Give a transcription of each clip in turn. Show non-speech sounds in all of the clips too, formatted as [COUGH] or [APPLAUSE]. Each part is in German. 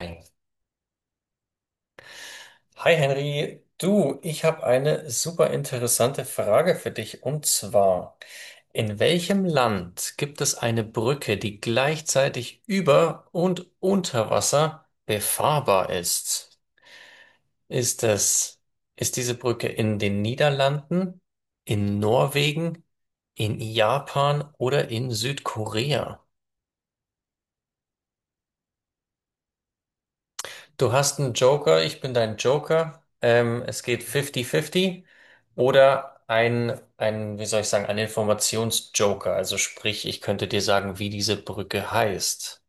Hi Henry, du, ich habe eine super interessante Frage für dich und zwar, in welchem Land gibt es eine Brücke, die gleichzeitig über und unter Wasser befahrbar ist? Ist es, ist diese Brücke in den Niederlanden, in Norwegen, in Japan oder in Südkorea? Du hast einen Joker, ich bin dein Joker. Es geht 50-50 oder ein, wie soll ich sagen, ein Informationsjoker. Also sprich, ich könnte dir sagen, wie diese Brücke heißt.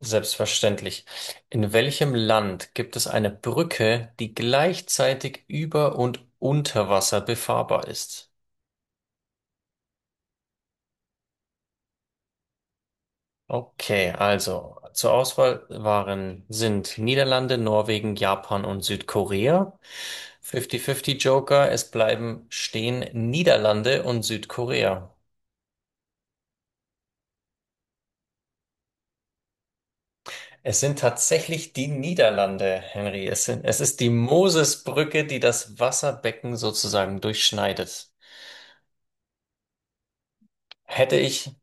Selbstverständlich. In welchem Land gibt es eine Brücke, die gleichzeitig über und unter Wasser befahrbar ist? Okay, also zur Auswahl sind Niederlande, Norwegen, Japan und Südkorea. 50-50 Joker, es bleiben stehen Niederlande und Südkorea. Es sind tatsächlich die Niederlande, Henry. Es ist die Mosesbrücke, die das Wasserbecken sozusagen durchschneidet. Hätte ich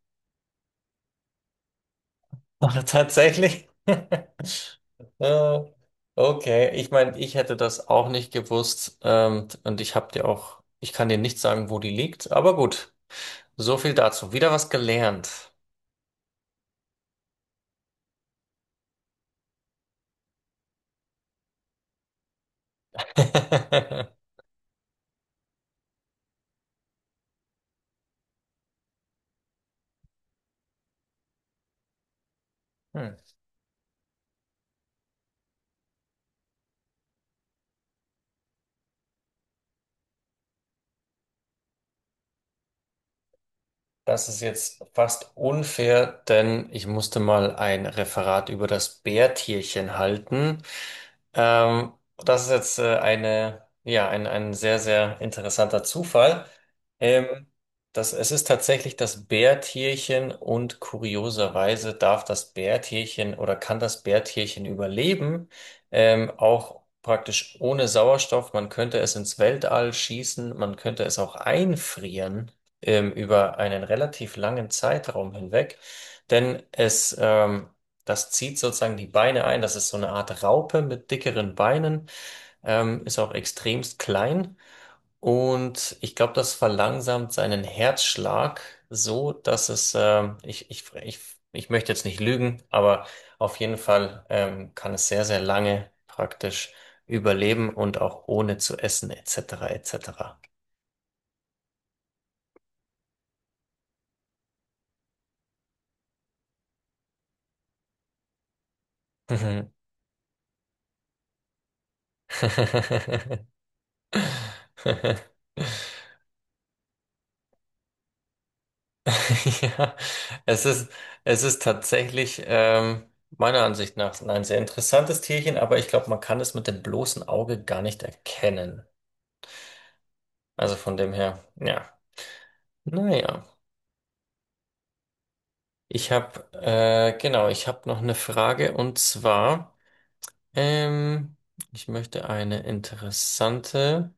ach, tatsächlich? [LAUGHS] Äh, Okay, ich meine, ich hätte das auch nicht gewusst, und ich habe dir auch, ich kann dir nicht sagen, wo die liegt, aber gut, so viel dazu. Wieder was gelernt. [LAUGHS] Hm. Das ist jetzt fast unfair, denn ich musste mal ein Referat über das Bärtierchen halten. Ähm, Das ist jetzt eine, ja, ein sehr, sehr interessanter Zufall. Ähm, es ist tatsächlich das Bärtierchen und kurioserweise darf das Bärtierchen oder kann das Bärtierchen überleben, auch praktisch ohne Sauerstoff. Man könnte es ins Weltall schießen, man könnte es auch einfrieren, über einen relativ langen Zeitraum hinweg, denn es, ähm, das zieht sozusagen die Beine ein. Das ist so eine Art Raupe mit dickeren Beinen, ist auch extremst klein und ich glaube, das verlangsamt seinen Herzschlag so, dass es, ich, ich, ich, ich möchte jetzt nicht lügen, aber auf jeden Fall, kann es sehr, sehr lange praktisch überleben und auch ohne zu essen etc. etc. Mhm. [LAUGHS] [LAUGHS] Ja, es ist, es ist tatsächlich, meiner Ansicht nach ein sehr interessantes Tierchen, aber ich glaube, man kann es mit dem bloßen Auge gar nicht erkennen. Also von dem her, ja, naja. Genau, ich habe noch eine Frage und zwar, ähm, ich möchte eine interessante.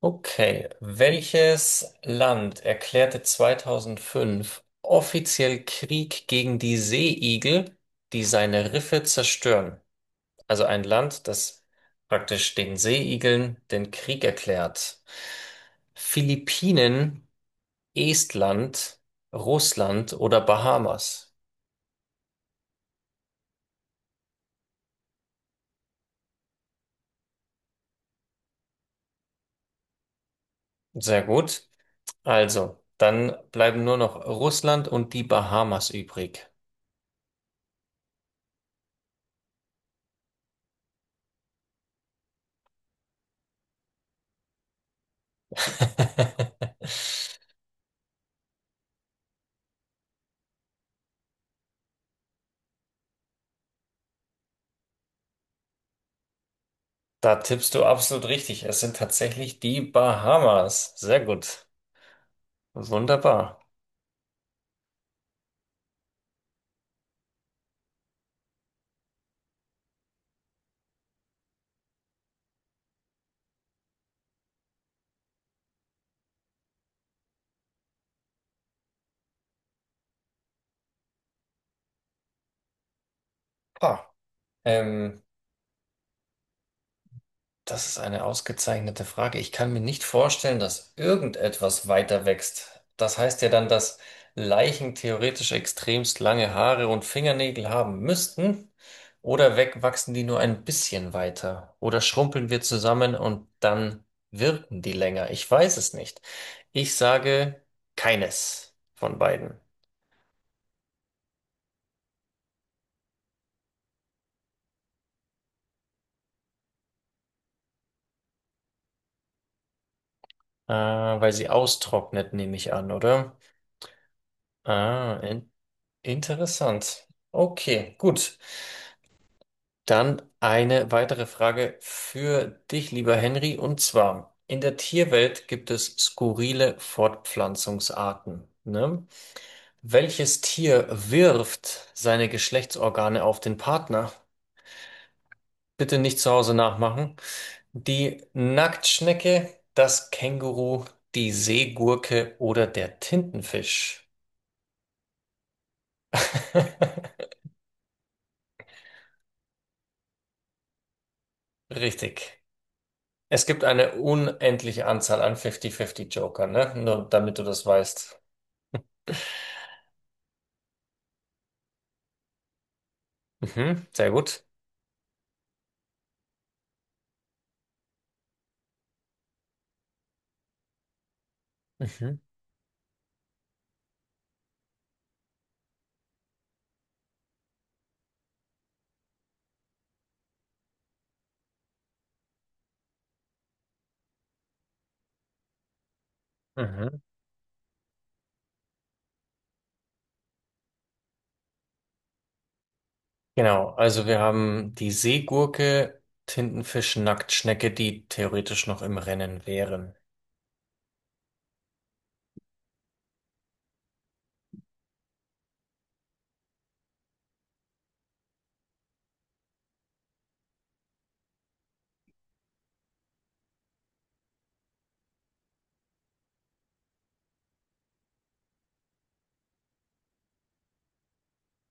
Okay, welches Land erklärte 2005 offiziell Krieg gegen die Seeigel, die seine Riffe zerstören? Also ein Land, das praktisch den Seeigeln den Krieg erklärt. Philippinen, Estland, Russland oder Bahamas? Sehr gut. Also, dann bleiben nur noch Russland und die Bahamas übrig. [LAUGHS] Da tippst du absolut richtig. Es sind tatsächlich die Bahamas. Sehr gut. Wunderbar. Ah, ähm, das ist eine ausgezeichnete Frage. Ich kann mir nicht vorstellen, dass irgendetwas weiter wächst. Das heißt ja dann, dass Leichen theoretisch extremst lange Haare und Fingernägel haben müssten. Oder wegwachsen die nur ein bisschen weiter? Oder schrumpeln wir zusammen und dann wirken die länger? Ich weiß es nicht. Ich sage keines von beiden. Ah, weil sie austrocknet, nehme ich an, oder? Ah, in interessant. Okay, gut. Dann eine weitere Frage für dich, lieber Henry, und zwar, in der Tierwelt gibt es skurrile Fortpflanzungsarten, ne? Welches Tier wirft seine Geschlechtsorgane auf den Partner? Bitte nicht zu Hause nachmachen. Die Nacktschnecke, das Känguru, die Seegurke oder der Tintenfisch? [LAUGHS] Richtig. Es gibt eine unendliche Anzahl an 50-50-Joker, ne? Nur damit du das weißt. Mhm, sehr gut. Mhm, mhm. Genau, also wir haben die Seegurke, Tintenfisch, Nacktschnecke, die theoretisch noch im Rennen wären.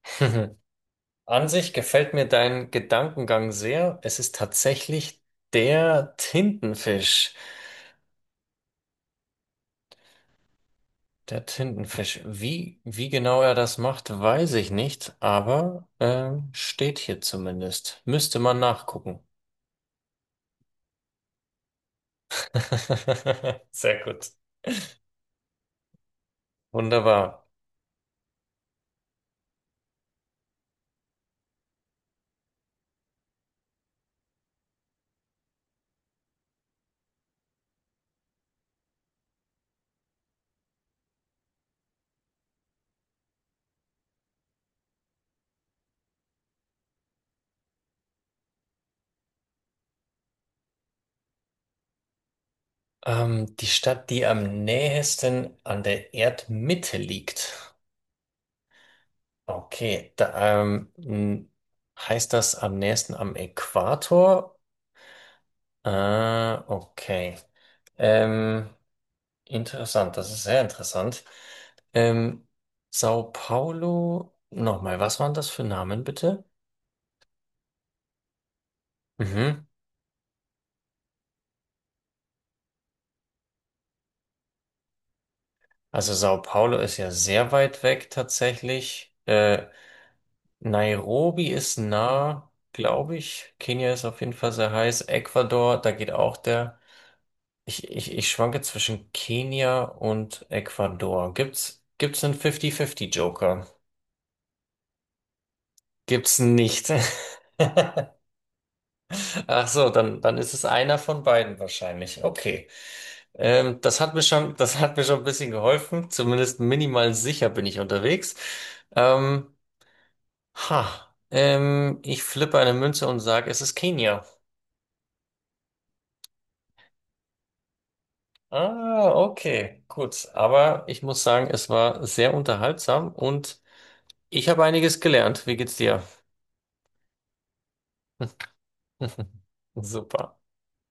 [LAUGHS] An sich gefällt mir dein Gedankengang sehr. Es ist tatsächlich der Tintenfisch. Der Tintenfisch. Wie genau er das macht, weiß ich nicht, aber steht hier zumindest. Müsste man nachgucken. [LAUGHS] Sehr gut. Wunderbar. Die Stadt, die am nähesten an der Erdmitte liegt. Okay, heißt das am nächsten am Äquator? Äh, okay. Ähm, Interessant, das ist sehr interessant. Ähm, Sao Paulo, nochmal, was waren das für Namen bitte? Mhm. Also Sao Paulo ist ja sehr weit weg tatsächlich. Nairobi ist nah, glaube ich. Kenia ist auf jeden Fall sehr heiß. Ecuador, da geht auch der. Ich schwanke zwischen Kenia und Ecuador. Gibt's einen 50-50 Joker? Gibt's nicht. [LAUGHS] Ach so, dann ist es einer von beiden wahrscheinlich. Okay. Das hat mir schon ein bisschen geholfen. Zumindest minimal sicher bin ich unterwegs. Ähm, ich flippe eine Münze und sage, es ist Kenia. Ah, okay, gut. Aber ich muss sagen, es war sehr unterhaltsam und ich habe einiges gelernt. Wie geht's dir? [LAUGHS] Super.